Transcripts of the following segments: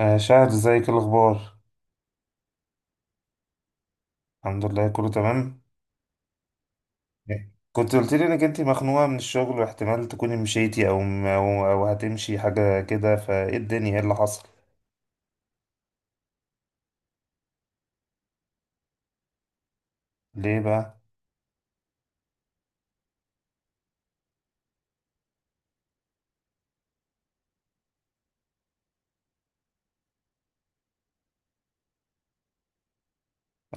آه، شاهد ازيك، إيه الاخبار؟ الحمد لله، كله تمام. كنت قلت لي انك انت مخنوقه من الشغل واحتمال تكوني مشيتي أو هتمشي حاجه كده، فايه الدنيا، ايه اللي حصل؟ ليه بقى؟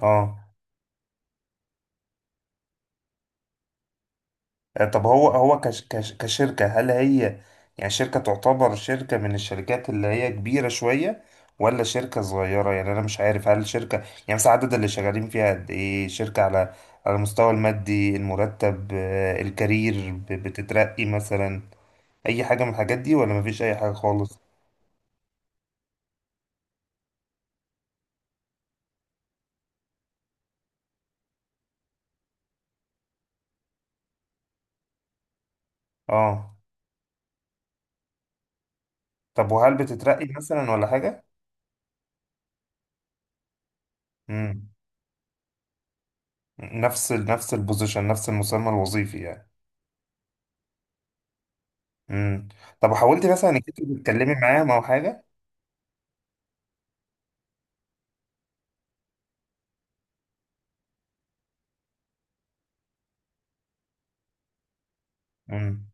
اه. طب هو هو كش كش كشركه، هل هي يعني شركه، تعتبر شركه من الشركات اللي هي كبيره شويه، ولا شركه صغيره؟ يعني انا مش عارف، هل شركه يعني مثلا عدد اللي شغالين فيها قد ايه، شركه على المستوى المادي، المرتب، الكارير بتترقي مثلا، اي حاجه من الحاجات دي ولا مفيش اي حاجه خالص؟ اه. طب وهل بتترقي مثلا ولا حاجه؟ امم. نفس البوزيشن، نفس المسمى الوظيفي يعني. امم. طب وحاولتي مثلا انك انت تتكلمي معاهم او حاجه؟ امم.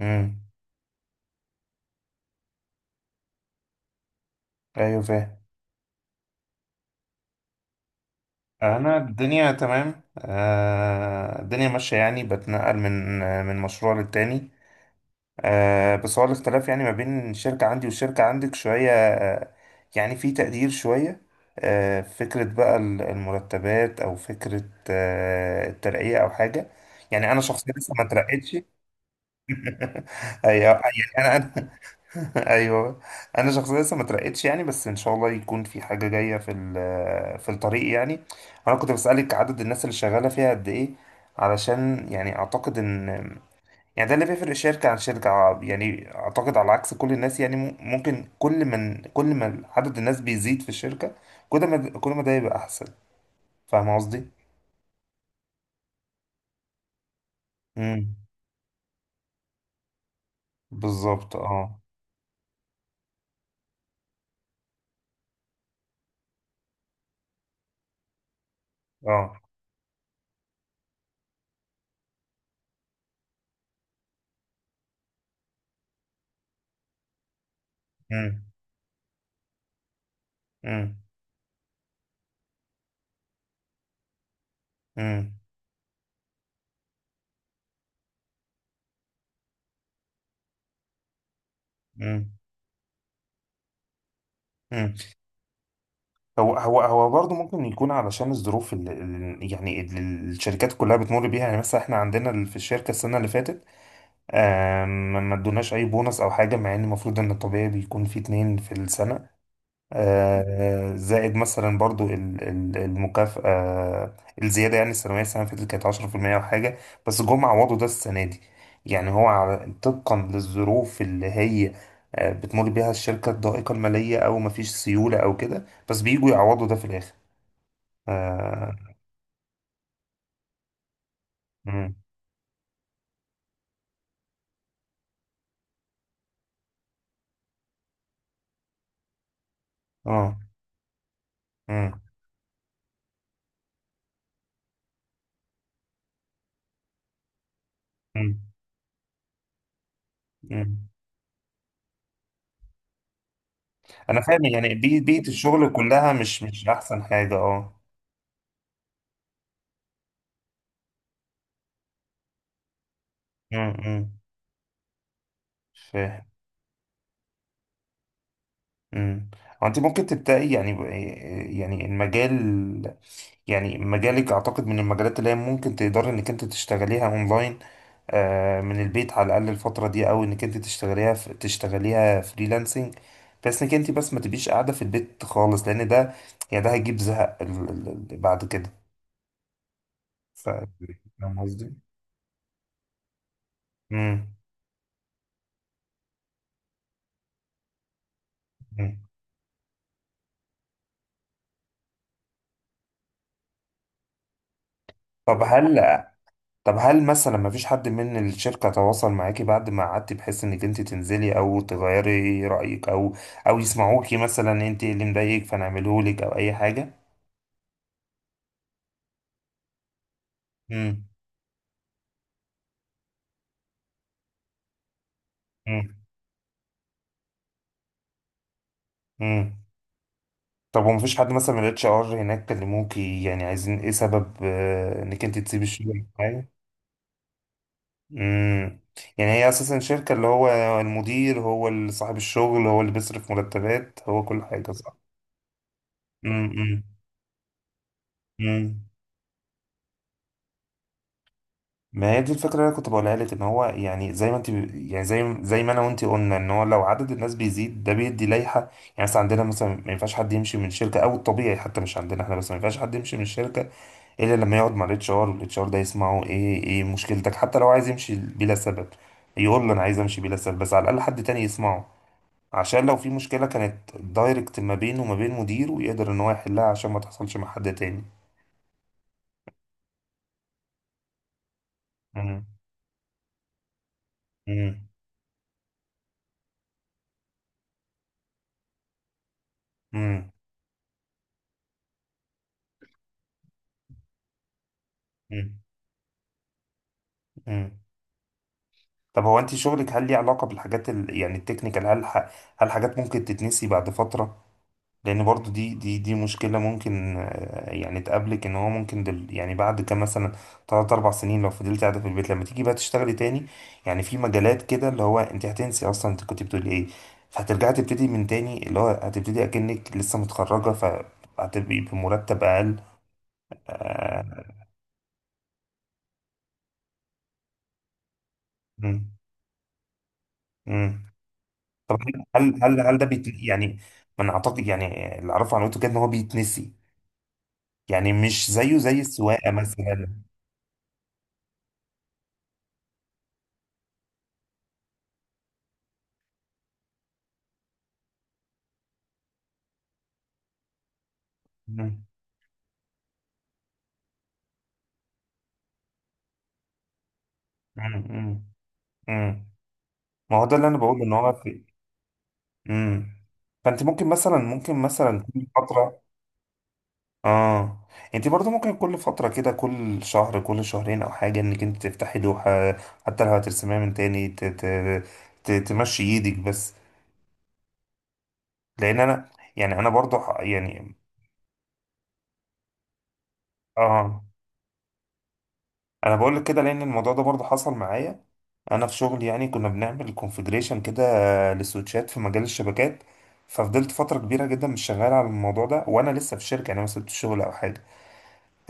امم. ايوه، فاهم. انا الدنيا تمام، الدنيا ماشيه يعني، بتنقل من مشروع للتاني. بس هو الاختلاف يعني ما بين الشركة عندي والشركة عندك شوية، يعني في تقدير شوية، فكرة بقى المرتبات، أو فكرة الترقية أو حاجة. يعني أنا شخصيا لسه ما اترقيتش. أيوه يعني. أنا أيوه. أنا شخصيا لسه ما اترقيتش يعني، بس إن شاء الله يكون في حاجة جاية في الطريق يعني. أنا كنت بسألك عدد الناس اللي شغالة فيها قد إيه، علشان يعني أعتقد إن يعني ده اللي بيفرق شركة عن شركة، يعني أعتقد على عكس كل الناس، يعني ممكن، كل ما عدد الناس بيزيد في الشركة، كل ما ده يبقى أحسن. فاهم قصدي؟ امم. بالظبط، اه. اه. امم. امم. امم. امم. امم. هو برضه ممكن يكون علشان الظروف يعني اللي الشركات كلها بتمر بيها، يعني مثلا احنا عندنا في الشركة السنة اللي فاتت، ما ادوناش أي بونص أو حاجة، مع إن المفروض إن الطبيعي بيكون في 2 في السنة، زائد مثلا برضو المكافأة، الزيادة يعني السنوية، السنة اللي فاتت كانت 10% وحاجة، بس جم عوضوا ده السنة دي. يعني هو طبقا للظروف اللي هي بتمر بيها الشركة، الضائقة المالية أو مفيش سيولة أو كده، بس بيجوا يعوضوا ده في الآخر. آه. مم. آه. مم. مم. مم. أنا فاهم يعني، بيئة الشغل كلها مش أحسن حاجة، أه. مم. مم. فاهم. امم. انت ممكن تبداي يعني، يعني المجال، يعني مجالك اعتقد من المجالات اللي هي ممكن تقدري انك انت تشتغليها اونلاين، من البيت على الاقل الفتره دي، او انك انت تشتغليها تشتغليها فريلانسنج، بس انك انت بس ما تبقيش قاعده في البيت خالص، لان ده يعني ده هيجيب زهق بعد كده، ف. فاهم قصدي. امم. أمم. طب هل طب هل مثلا ما فيش حد من الشركة تواصل معاكي بعد ما قعدتي، بحيث انك انت تنزلي او تغيري رأيك، او او يسمعوكي مثلا انت إيه اللي مضايقك فنعمله لك او اي حاجة؟ امم. امم. امم. طب وما فيش حد مثلا من الاتش ار هناك كلموكي، يعني عايزين ايه سبب انك انت تسيبي الشغل معايا؟ امم. يعني هي اساسا شركة، اللي هو المدير هو اللي صاحب الشغل، هو اللي بيصرف مرتبات، هو كل حاجة، صح؟ امم. امم. ما هي دي الفكرة اللي أنا كنت بقولها لك، إن هو يعني زي ما أنت، يعني زي ما أنا وأنت قلنا، إن هو لو عدد الناس بيزيد، ده بيدي لائحة يعني. مثلا عندنا، مثلا ما ينفعش حد يمشي من شركة، أو الطبيعي حتى مش عندنا إحنا بس، ما ينفعش حد يمشي من الشركة إلا لما يقعد مع الاتش ار، والاتش ار ده يسمعه إيه إيه مشكلتك، حتى لو عايز يمشي بلا سبب يقول له أنا عايز أمشي بلا سبب، بس على الأقل حد تاني يسمعه، عشان لو في مشكلة كانت دايركت ما بينه وما بين مديره، ويقدر إن هو يحلها عشان ما تحصلش مع حد تاني. مم. مم. مم. مم. مم. طب هو، انت شغلك هل ليه علاقة بالحاجات، يعني التكنيكال، هل هل حاجات ممكن تتنسي بعد فترة؟ لان برضو دي مشكلة ممكن يعني تقابلك، ان هو ممكن، يعني بعد كام مثلا تلات اربع سنين لو فضلت قاعدة في البيت، لما تيجي بقى تشتغلي تاني، يعني في مجالات كده اللي هو انت هتنسي اصلا انت كنت بتقولي ايه، فهترجعي تبتدي من تاني، اللي هو هتبتدي اكنك لسه متخرجة، فهتبقي بمرتب اقل، آه، مم. مم. طب هل ده بيت يعني، من اعتقد يعني اللي اعرفه عن الاوتوكاد ان هو بيتنسي، يعني مش زيه زي السواقه مثلا. مم. مم. مم. مم. ما هو ده اللي انا بقوله، ان هو في. مم. فانت ممكن مثلا، كل فتره. اه. انت برضو ممكن كل فتره كده، كل شهر، كل شهرين او حاجه، انك انت تفتحي لوحه، حتى لو هترسميها من تاني، تمشي ايدك بس، لان انا يعني، انا برضو يعني. اه. انا بقول لك كده، لان الموضوع ده برضه حصل معايا، انا في شغل يعني كنا بنعمل كونفجريشن كده للسويتشات في مجال الشبكات، ففضلت فتره كبيره جدا مش شغال على الموضوع ده، وانا لسه في الشركه يعني، ما سبتش الشغل او حاجه،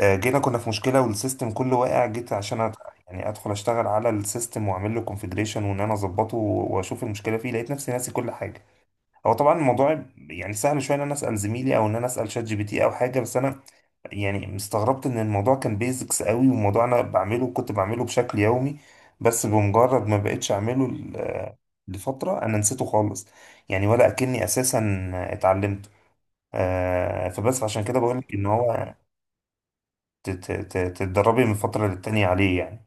جينا كنا في مشكله، والسيستم كله واقع، جيت عشان يعني ادخل اشتغل على السيستم، واعمل له كونفجريشن، وان انا اظبطه، واشوف المشكله فيه، لقيت نفسي ناسي كل حاجه. هو طبعا الموضوع يعني سهل شويه، ان انا اسال زميلي، او ان انا اسال شات GPT او حاجه، بس انا يعني استغربت ان الموضوع كان بيزكس قوي، وموضوع انا بعمله، كنت بعمله بشكل يومي، بس بمجرد ما بقتش اعمله لفترة، انا نسيته خالص، يعني ولا اكني اساسا اتعلمته. فبس عشان كده بقول لك ان هو تتدربي من فترة للتانية عليه يعني.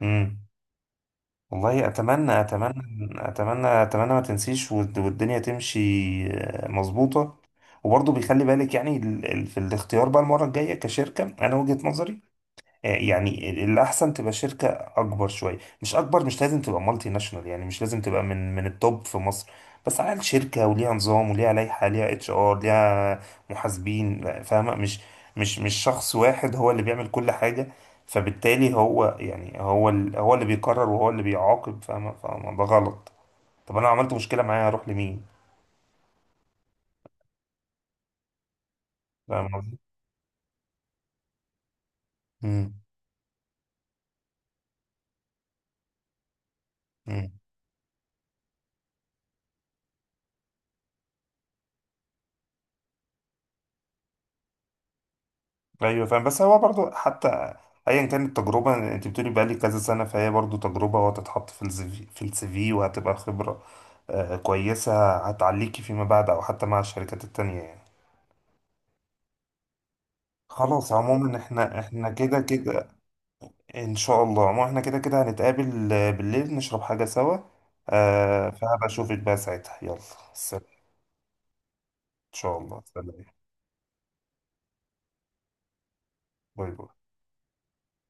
امم. والله اتمنى اتمنى، اتمنى اتمنى ما تنسيش، والدنيا تمشي، مظبوطة. وبرضه بيخلي بالك يعني في الاختيار بقى المرة الجاية، كشركة انا وجهة نظري، يعني الأحسن تبقى شركة أكبر شوية، مش أكبر، مش لازم تبقى مالتي ناشونال، يعني مش لازم تبقى من التوب في مصر، بس على الأقل شركة وليها نظام، وليها لائحة، ليها اتش ار، ليها محاسبين، لا، فاهمة؟ مش شخص واحد هو اللي بيعمل كل حاجة، فبالتالي هو يعني، هو هو اللي بيقرر وهو اللي بيعاقب، فاهمة، فاهمة ده غلط. طب أنا لو عملت مشكلة معايا هروح لمين؟ فاهمة قصدي؟ مم. ايوه فاهم، بس هو برضو حتى ايا كانت التجربه، انت بتقولي بقى لي كذا سنه، فهي برضو تجربه، وهتتحط في الزي في السي في، وهتبقى خبره كويسه، هتعليكي فيما بعد، او حتى مع الشركات التانية يعني. خلاص عموما احنا، كده كده، ان شاء الله. عموما احنا كده كده هنتقابل، بالليل نشرب حاجه سوا، فهبقى اشوفك بقى ساعتها، يلا سلام. ان شاء الله، سلام. باي باي.